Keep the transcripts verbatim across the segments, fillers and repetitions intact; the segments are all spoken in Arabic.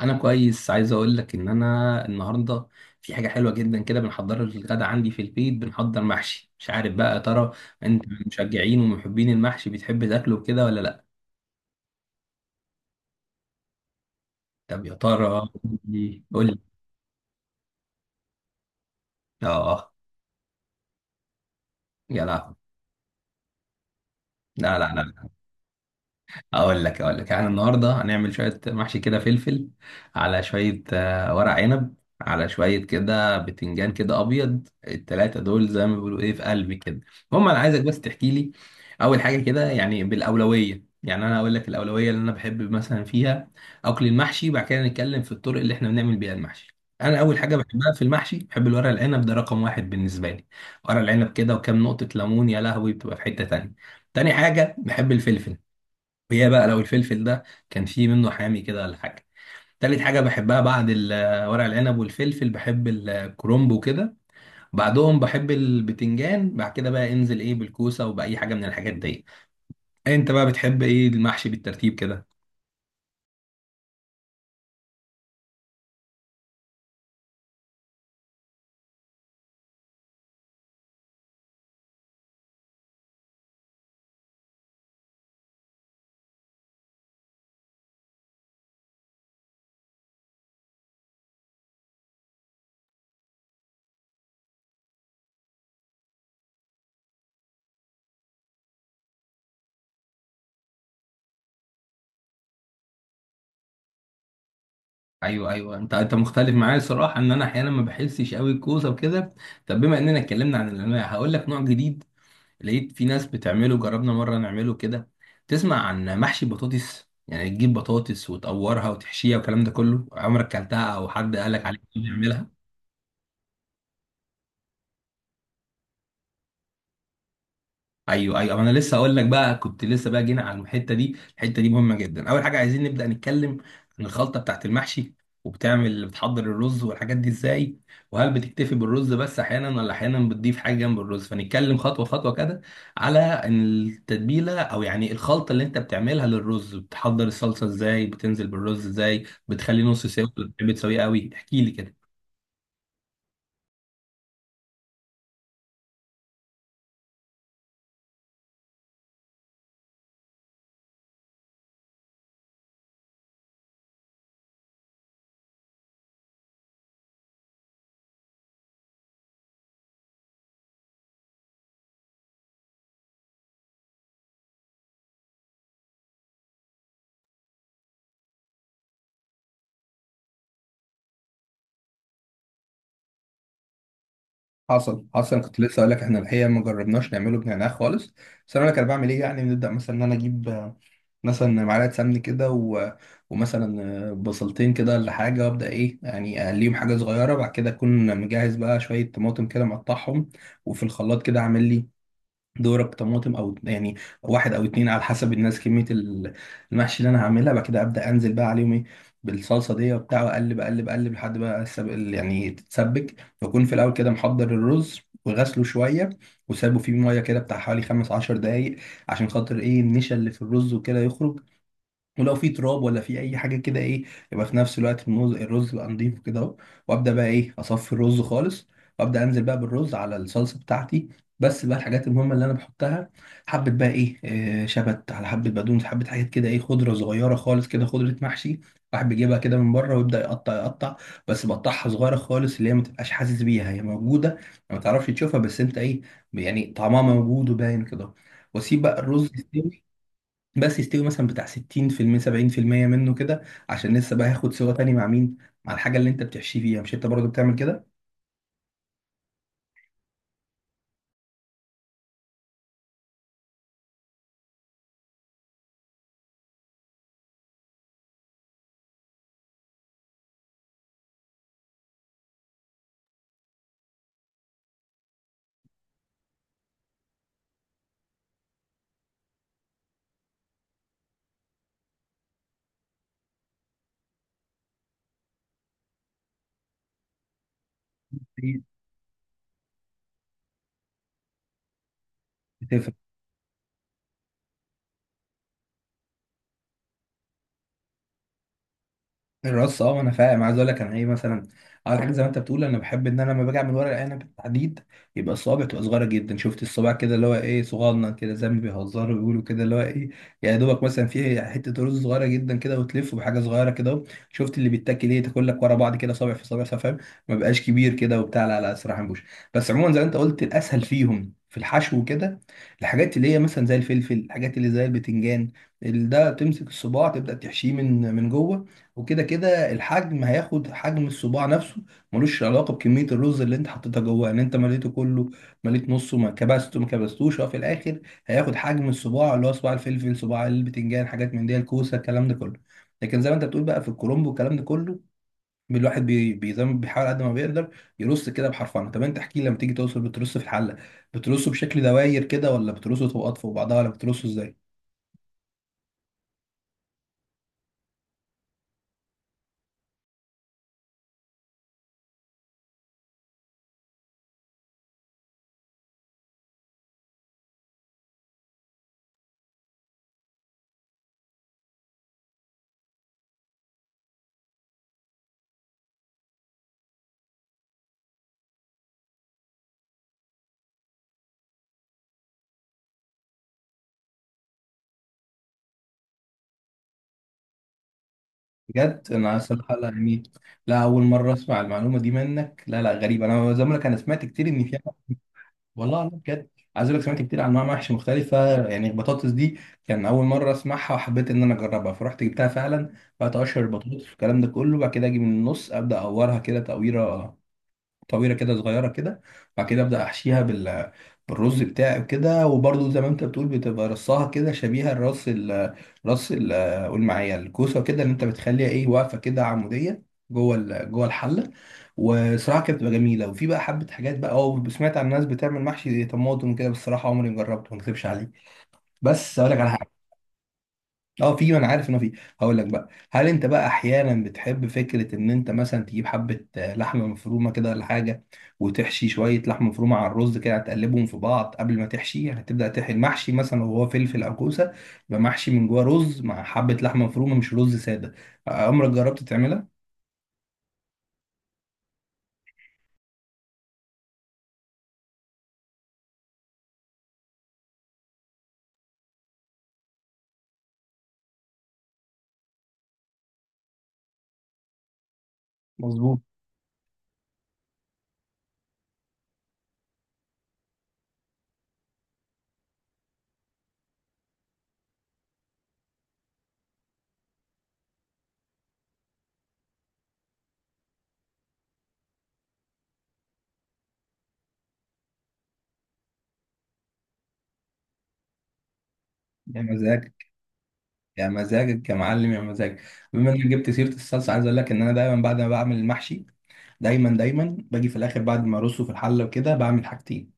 انا كويس. عايز اقول لك ان انا النهارده في حاجه حلوه جدا كده. بنحضر الغدا عندي في البيت، بنحضر محشي. مش عارف بقى يا ترى انت من مشجعين ومحبين المحشي، بتحب تاكله كده ولا لا؟ طب يا ترى قول لي قول لي. اه. يا لا. لا لا لا. اقول لك اقول لك، يعني النهارده هنعمل شويه محشي كده، فلفل على شويه آه، ورق عنب، على شويه كده بتنجان كده ابيض. التلاته دول زي ما بيقولوا ايه، في قلبي كده. المهم انا عايزك بس تحكي لي اول حاجه كده، يعني بالاولويه، يعني انا اقول لك الاولويه اللي انا بحب مثلا فيها اكل المحشي، بعد كده نتكلم في الطرق اللي احنا بنعمل بيها المحشي. انا اول حاجه بحبها في المحشي بحب الورق العنب، ده رقم واحد بالنسبه لي. ورق العنب كده وكام نقطه ليمون، يا لهوي، بتبقى في حته تانية. تاني حاجه بحب الفلفل، وهي بقى لو الفلفل ده كان فيه منه حامي كده ولا حاجه. تالت حاجه بحبها بعد ال- ورق العنب والفلفل بحب الكرنب وكده. بعدهم بحب البتنجان، بعد كده بقى انزل ايه بالكوسه وباي حاجه من الحاجات دي. انت بقى بتحب ايه المحشي بالترتيب كده؟ ايوه ايوه، انت انت مختلف معايا. الصراحه ان انا احيانا ما بحسش قوي الكوسه وكده. طب بما اننا اتكلمنا عن الانواع، هقول لك نوع جديد لقيت في ناس بتعمله، جربنا مرة نعمله كده. تسمع عن محشي بطاطس؟ يعني تجيب بطاطس وتقورها وتحشيها والكلام ده كله. عمرك كلتها او حد قالك عليك اه بتعملها؟ ايوه ايوه، انا لسه اقول لك بقى، كنت لسه بقى جينا على الحته دي. الحته دي مهمه جدا. اول حاجه عايزين نبدا نتكلم عن الخلطه بتاعت المحشي. وبتعمل بتحضر الرز والحاجات دي ازاي، وهل بتكتفي بالرز بس احيانا، ولا احيانا بتضيف حاجه جنب الرز؟ فنتكلم خطوه خطوه كده على التتبيله، او يعني الخلطه اللي انت بتعملها للرز. بتحضر الصلصه ازاي، بتنزل بالرز ازاي، بتخليه نص سوا ولا بتحب تسويه قوي؟ احكي لي كده. حصل حصل. كنت لسه اقول لك احنا الحقيقه ما جربناش نعمله بنعناع خالص. بس انا اقول لك انا بعمل ايه. يعني بنبدا مثلا ان انا اجيب آه، مثلا معلقه سمن كده، و... ومثلا آه، بصلتين كده ولا حاجه، وابدا ايه، يعني اقليهم حاجه صغيره. بعد كده اكون مجهز بقى شويه طماطم كده مقطعهم، وفي الخلاط كده اعمل لي دورك طماطم، او يعني واحد او اتنين على حسب الناس، كميه ال- المحشي اللي انا هعملها. بعد كده ابدا انزل بقى عليهم ايه، بالصلصه دي وبتاع، واقلب اقلب اقلب لحد بقى السب... ال- يعني تتسبك. واكون في الاول كده محضر الرز وغسله شويه وسابه فيه ميه كده بتاع حوالي خمس عشر دقايق، عشان خاطر ايه، النشا اللي في الرز وكده يخرج، ولو في تراب ولا في اي حاجه كده ايه. يبقى في نفس الوقت الرز الرز يبقى نضيف كده اهو. وابدا بقى ايه، اصفي الرز خالص وابدا انزل بقى بالرز على الصلصه بتاعتي. بس بقى الحاجات المهمه اللي انا بحطها، حبه بقى ايه، آه، شبت، على حبه بقدونس، حبه حاجات كده ايه، خضره صغيره خالص كده، خضره محشي. واحد بيجيبها كده من بره ويبدا يقطع يقطع، بس بقطعها صغيره خالص اللي هي ما تبقاش حاسس بيها هي موجوده، ما تعرفش تشوفها بس انت ايه، يعني طعمها موجود وباين كده. واسيب بقى الرز يستوي، بس يستوي مثلا بتاع ستين في المية، سبعين في المية منه كده، عشان لسه بقى هياخد سوا تاني، مع مين، مع الحاجه اللي انت بتحشيه فيها. مش انت برضو بتعمل كده؟ أكيد. الرص، اه انا فاهم. عايز اقول لك انا ايه، مثلا على حاجه زي ما انت بتقول، انا بحب ان انا لما باجي اعمل ورق العنب بالتحديد، يبقى الصوابع تبقى صغيره جدا، شفت الصباع كده اللي هو ايه صغنن كده، زي ما بيهزروا بيقولوا كده، اللي هو ايه، يا دوبك مثلا فيه حته رز صغيره جدا كده، وتلفه بحاجه صغيره كده اهو. شفت اللي بيتاكل ايه، تاكل لك ورا بعض كده، صابع في صابع، فاهم؟ ما بقاش كبير كده وبتاع، لا لا صراحه مش. بس عموما زي ما انت قلت، الاسهل فيهم في الحشو وكده الحاجات اللي هي مثلا زي الفلفل، الحاجات اللي زي البتنجان. ال- ده تمسك الصباع تبدا تحشيه من من جوه، وكده كده الحجم هياخد حجم الصباع نفسه. ملوش علاقه بكميه الرز اللي انت حطيتها جواه، ان انت مليته كله، مليت نصه، ما كبسته، ما كبستوش، هو في الاخر هياخد حجم الصباع، اللي هو صباع الفلفل، صباع البتنجان، حاجات من دي، الكوسه، الكلام ده كله. لكن زي ما انت بتقول بقى، في الكرنب والكلام ده كله، الواحد بي بي- زي ما بيحاول قد ما بيقدر يرص كده بحرفنه. طب انت احكي لي، لما تيجي توصل بترص في الحله، بترصه بشكل دواير كده، ولا بترصه طبقات فوق بعضها، ولا بترصه ازاي؟ بجد انا صراحه لا، يعني لا، اول مره اسمع المعلومه دي منك. لا لا، غريبه. انا زي ما أقولك، انا سمعت كتير ان في. والله لا، بجد. عايز اقول لك، سمعت كتير عن انواع محشي مختلفه، يعني البطاطس دي كان اول مره اسمعها، وحبيت ان انا اجربها، فرحت جبتها فعلا. بقيت اقشر البطاطس والكلام ده كله، وبعد كده اجي من النص ابدا اقورها كده تقويره طويله كده صغيره كده، وبعد كده ابدا احشيها بال بالرز بتاعي وكده. وبرضه زي ما انت بتقول، بتبقى رصها كده شبيهه الرص ال رص ال قول معايا الكوسه كده اللي انت بتخليها ايه واقفه كده عموديه جوه ال- جوه الحله. وصراحه كانت بتبقى جميله. وفي بقى حبه حاجات بقى، اه، سمعت عن ناس بتعمل محشي طماطم كده، بس الصراحه عمري ما جربته، ما اكذبش عليك. بس اقول لك على حاجه. اه، في، ما انا عارف انه في. هقول لك بقى، هل انت بقى احيانا بتحب فكره ان انت مثلا تجيب حبه آه، لحمه مفرومه كده ولا حاجه، وتحشي شويه لحمه مفرومه على الرز كده، تقلبهم في بعض قبل ما تحشي، هتبدا تحشي المحشي مثلا لو هو فلفل او كوسه، يبقى محشي من جوه رز مع حبه لحمه مفرومه، مش رز ساده. آه، عمرك جربت تعملها؟ مظبوط. يا مزاجك، يا مزاجك يا معلم، يا مزاجك. بما انك جبت سيره الصلصه، عايز اقول لك ان انا دايما بعد ما بعمل المحشي، دايما دايما باجي في الاخر بعد ما ارصه في الحله وكده بعمل حاجتين.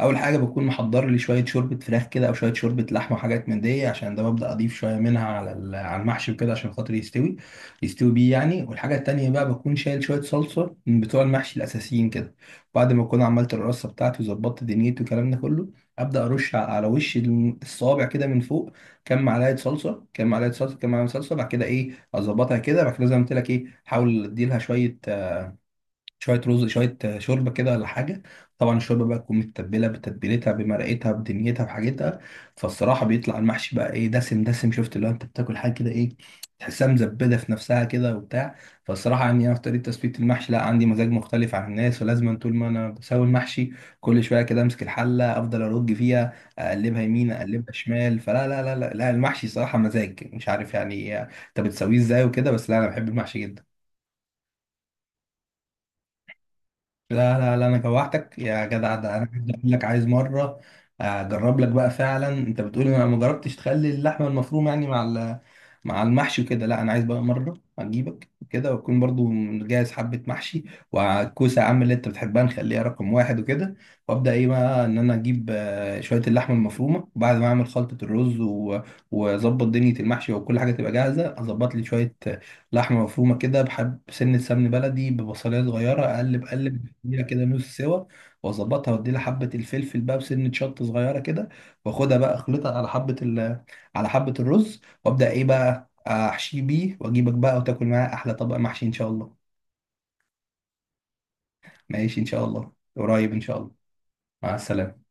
اول حاجه بكون محضر لي شويه شوربه فراخ كده، او شويه شوربه لحمه وحاجات من دي، عشان ده ببدا اضيف شويه منها على ال- على المحشي وكده عشان خاطر يستوي، يستوي بيه يعني. والحاجه التانيه بقى بكون شايل شويه صلصه من بتوع المحشي الاساسيين كده، بعد ما اكون عملت الرصه بتاعتي وظبطت دنيتي والكلام ده كله، ابدا ارش على على وش الم- الصوابع كده من فوق كام معلقه صلصه، كام معلقه صلصه، كام معلقه صلصه. بعد كده ايه اظبطها كده، بعد كده زي ما قلت لك ايه، احاول اديلها شويه، شويه رز، شويه آه، شوربه كده ولا حاجه. طبعا الشوربه بقى تكون متبله بتتبيلتها، بمرقتها، بدنيتها، بحاجتها، فالصراحه بيطلع المحشي بقى ايه، دسم دسم، شفت اللي هو انت بتاكل حاجه كده ايه، تحسها مزبده في نفسها كده وبتاع. فالصراحه يعني انا في طريقه تثبيت المحشي لا، عندي مزاج مختلف عن الناس، ولازم طول ما انا بسوي المحشي كل شويه كده امسك الحله، افضل ارج فيها، اقلبها يمين، اقلبها شمال، فلا لا لا لا, لا المحشي صراحه مزاج، مش عارف يعني آه، انت بتسويه ازاي وكده، بس لا انا بحب المحشي جدا. لا لا لا، انا جوعتك يا جدع. ده انا عايز اقول لك، عايز مره اجرب لك بقى فعلا. انت بتقول انا ما جربتش تخلي اللحمه المفرومه يعني مع ال- مع المحشي وكده. لا انا عايز بقى مره اجيبك كده، واكون برضو مجهز حبه محشي، والكوسه يا عم اللي انت بتحبها نخليها رقم واحد وكده، وابدا ايه بقى ان انا اجيب آه، شويه اللحمه المفرومه. وبعد ما اعمل خلطه الرز و- واظبط دنيا المحشي وكل حاجه تبقى جاهزه، اظبط لي شويه لحمة مفرومة كده، بحب سنة سمن بلدي، ببصلية صغيرة، أقلب أقلب اديها كده نص سوا، وأظبطها وأديلها حبة الفلفل بقى بسنة شطة صغيرة كده، وأخدها بقى أخلطها على حبة ال على حبة الرز، وأبدأ إيه بقى أحشيه بيه، وأجيبك بقى وتاكل معاه أحلى طبق محشي إن شاء الله. ماشي إن شاء الله، قريب إن شاء الله. مع السلامة.